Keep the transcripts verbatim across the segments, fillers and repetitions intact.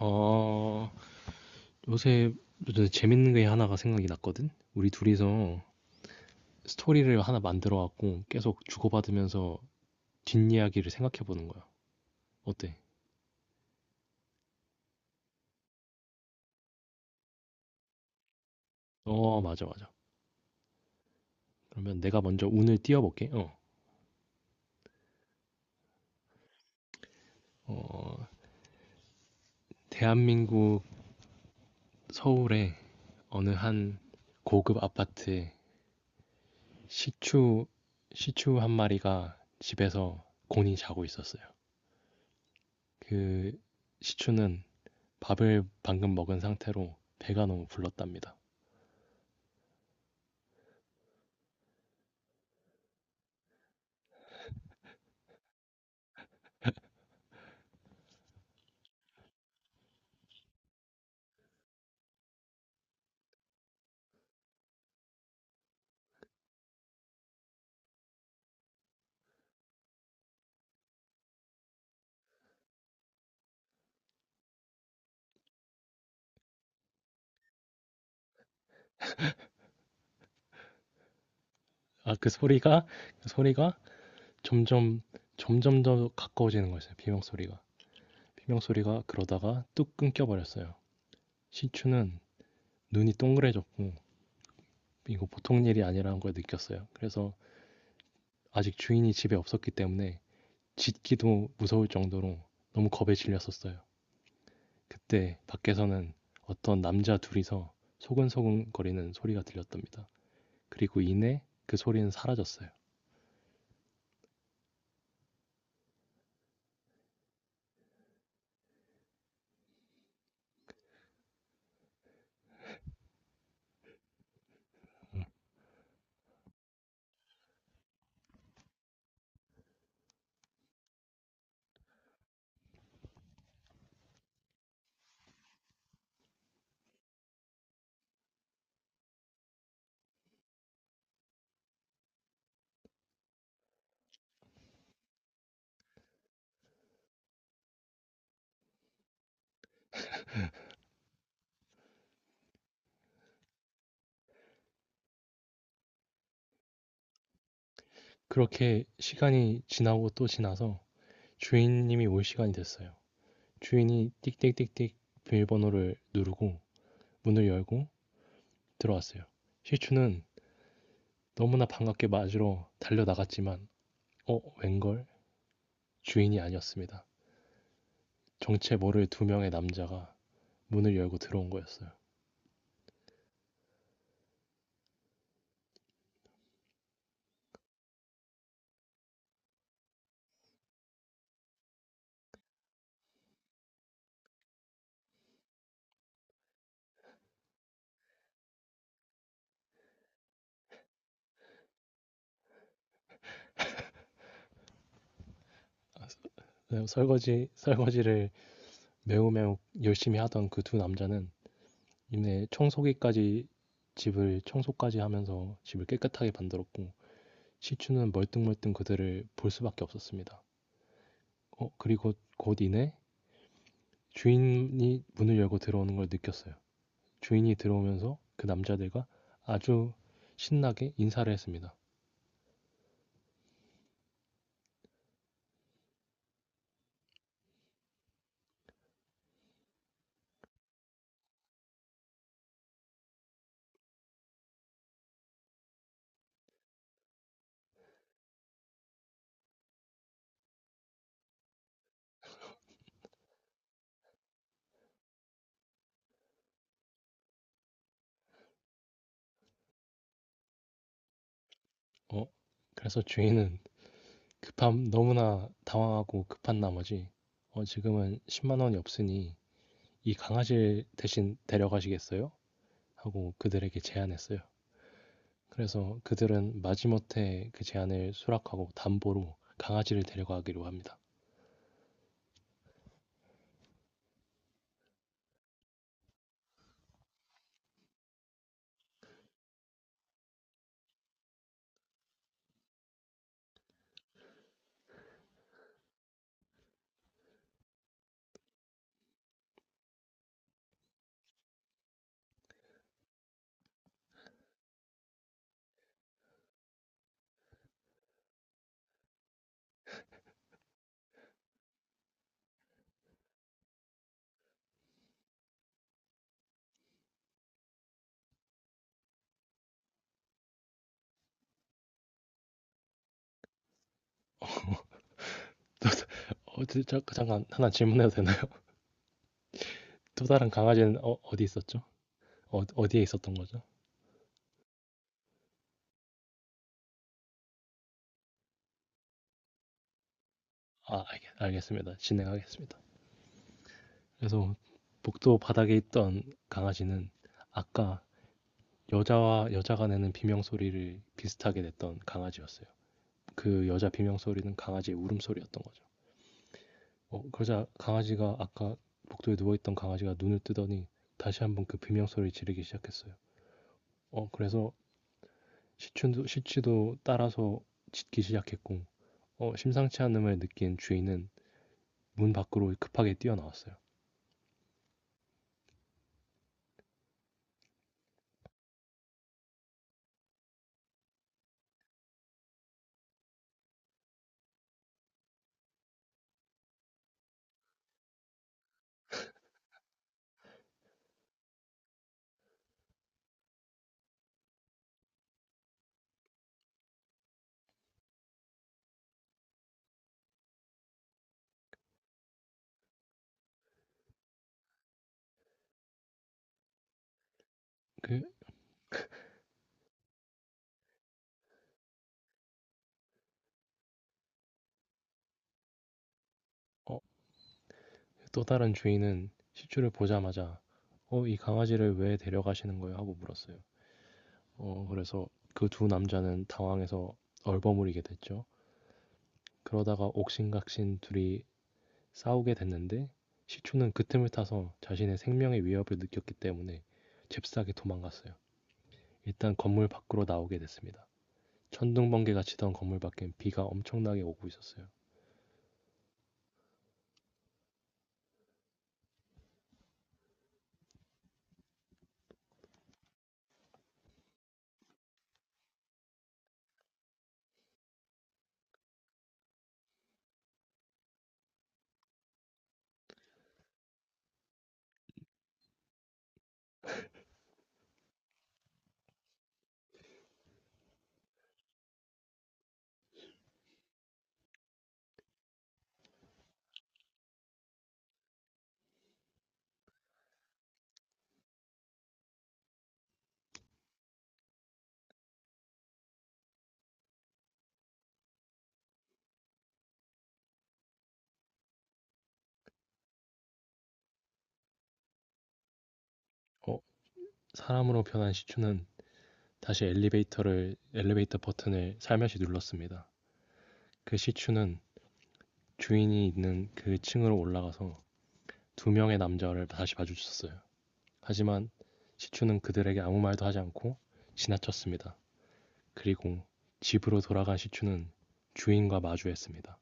어, 요새 요새 재밌는 게 하나가 생각이 났거든? 우리 둘이서 스토리를 하나 만들어 갖고 계속 주고받으면서 뒷이야기를 생각해 보는 거야. 어때? 어, 맞아, 맞아. 그러면 내가 먼저 운을 띄워볼게. 어, 어, 대한민국 서울의 어느 한 고급 아파트에 시추, 시추 한 마리가 집에서 곤히 자고 있었어요. 그 시추는 밥을 방금 먹은 상태로 배가 너무 불렀답니다. 아, 그 소리가, 그 소리가 점점, 점점 더 가까워지는 거였어요. 비명 소리가. 비명 소리가 그러다가 뚝 끊겨버렸어요. 신추는 눈이 동그래졌고, 이거 보통 일이 아니라는 걸 느꼈어요. 그래서 아직 주인이 집에 없었기 때문에 짖기도 무서울 정도로 너무 겁에 질렸었어요. 그때 밖에서는 어떤 남자 둘이서 소근소근거리는 소리가 들렸답니다. 그리고 이내 그 소리는 사라졌어요. 그렇게 시간이 지나고 또 지나서 주인님이 올 시간이 됐어요. 주인이 띡띡띡띡 비밀번호를 누르고 문을 열고 들어왔어요. 시추는 너무나 반갑게 맞으러 달려나갔지만 어 웬걸 주인이 아니었습니다. 정체 모를 두 명의 남자가 문을 열고 들어온 거였어요. 아, 네, 설거지 설거지를 매우 매우 열심히 하던 그 두 남자는 이내 청소기까지 집을 청소까지 하면서 집을 깨끗하게 만들었고 시추는 멀뚱멀뚱 그들을 볼 수밖에 없었습니다. 어, 그리고 곧 이내 주인이 문을 열고 들어오는 걸 느꼈어요. 주인이 들어오면서 그 남자들과 아주 신나게 인사를 했습니다. 어, 그래서 주인은 급함 너무나 당황하고 급한 나머지 어, 지금은 십만 원이 없으니 이 강아지를 대신 데려가시겠어요? 하고 그들에게 제안했어요. 그래서 그들은 마지못해 그 제안을 수락하고 담보로 강아지를 데려가기로 합니다. 어, 잠깐 하나 질문해도 되나? 또 다른 강아지는 어, 어디 있었죠? 어, 어디에 있었던 거죠? 아, 알겠, 습니다 진행하겠습니다. 그래서 복도 바닥에 있던 강아지는 아까 여자와 여자가 내는 비명 소리를 비슷하게 냈던 강아지였어요. 그 여자 비명 소리는 강아지의 울음소리였던 거죠. 어, 그러자 강아지가 아까 복도에 누워있던 강아지가 눈을 뜨더니 다시 한번 그 비명 소리를 지르기 시작했어요. 어, 그래서 시춘도, 시치도 따라서 짖기 시작했고, 어, 심상치 않음을 느낀 주인은 문 밖으로 급하게 뛰어나왔어요. 그, 어, 또 다른 주인은 시추를 보자마자 어, 이 강아지를 왜 데려가시는 거예요? 하고 물었어요. 어, 그래서 그 두 남자는 당황해서 얼버무리게 됐죠. 그러다가 옥신각신 둘이 싸우게 됐는데 시추는 그 틈을 타서 자신의 생명의 위협을 느꼈기 때문에 잽싸게 도망갔어요. 일단 건물 밖으로 나오게 됐습니다. 천둥번개가 치던 건물 밖엔 비가 엄청나게 오고 있었어요. 어, 사람으로 변한 시추는 다시 엘리베이터를 엘리베이터 버튼을 살며시 눌렀습니다. 그 시추는 주인이 있는 그 층으로 올라가서 두 명의 남자를 다시 마주쳤어요. 하지만 시추는 그들에게 아무 말도 하지 않고 지나쳤습니다. 그리고 집으로 돌아간 시추는 주인과 마주했습니다.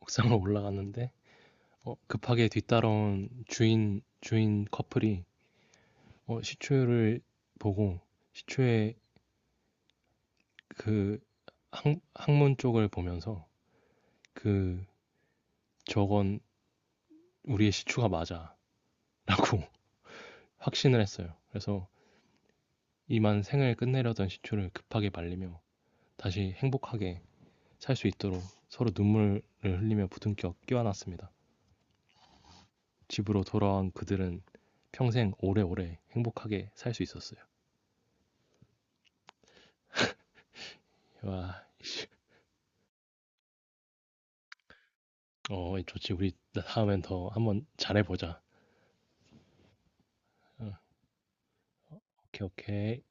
옥상을 올라갔는데 어, 급하게 뒤따라온 주인 주인 커플이 어, 시추를 보고 시추의 그 항, 항문 쪽을 보면서 그 저건 우리의 시추가 맞아. 라고 확신을 했어요. 그래서 이만 생을 끝내려던 시추를 급하게 말리며 다시 행복하게 살 수 있도록 서로 눈물을 흘리며 부둥켜 끼워놨습니다. 집으로 돌아온 그들은 평생 오래오래 행복하게 살 수 있었어요. 와, 어, 좋지. 우리 다음엔 더 한번 잘해보자. 어, 오케이, 오케이.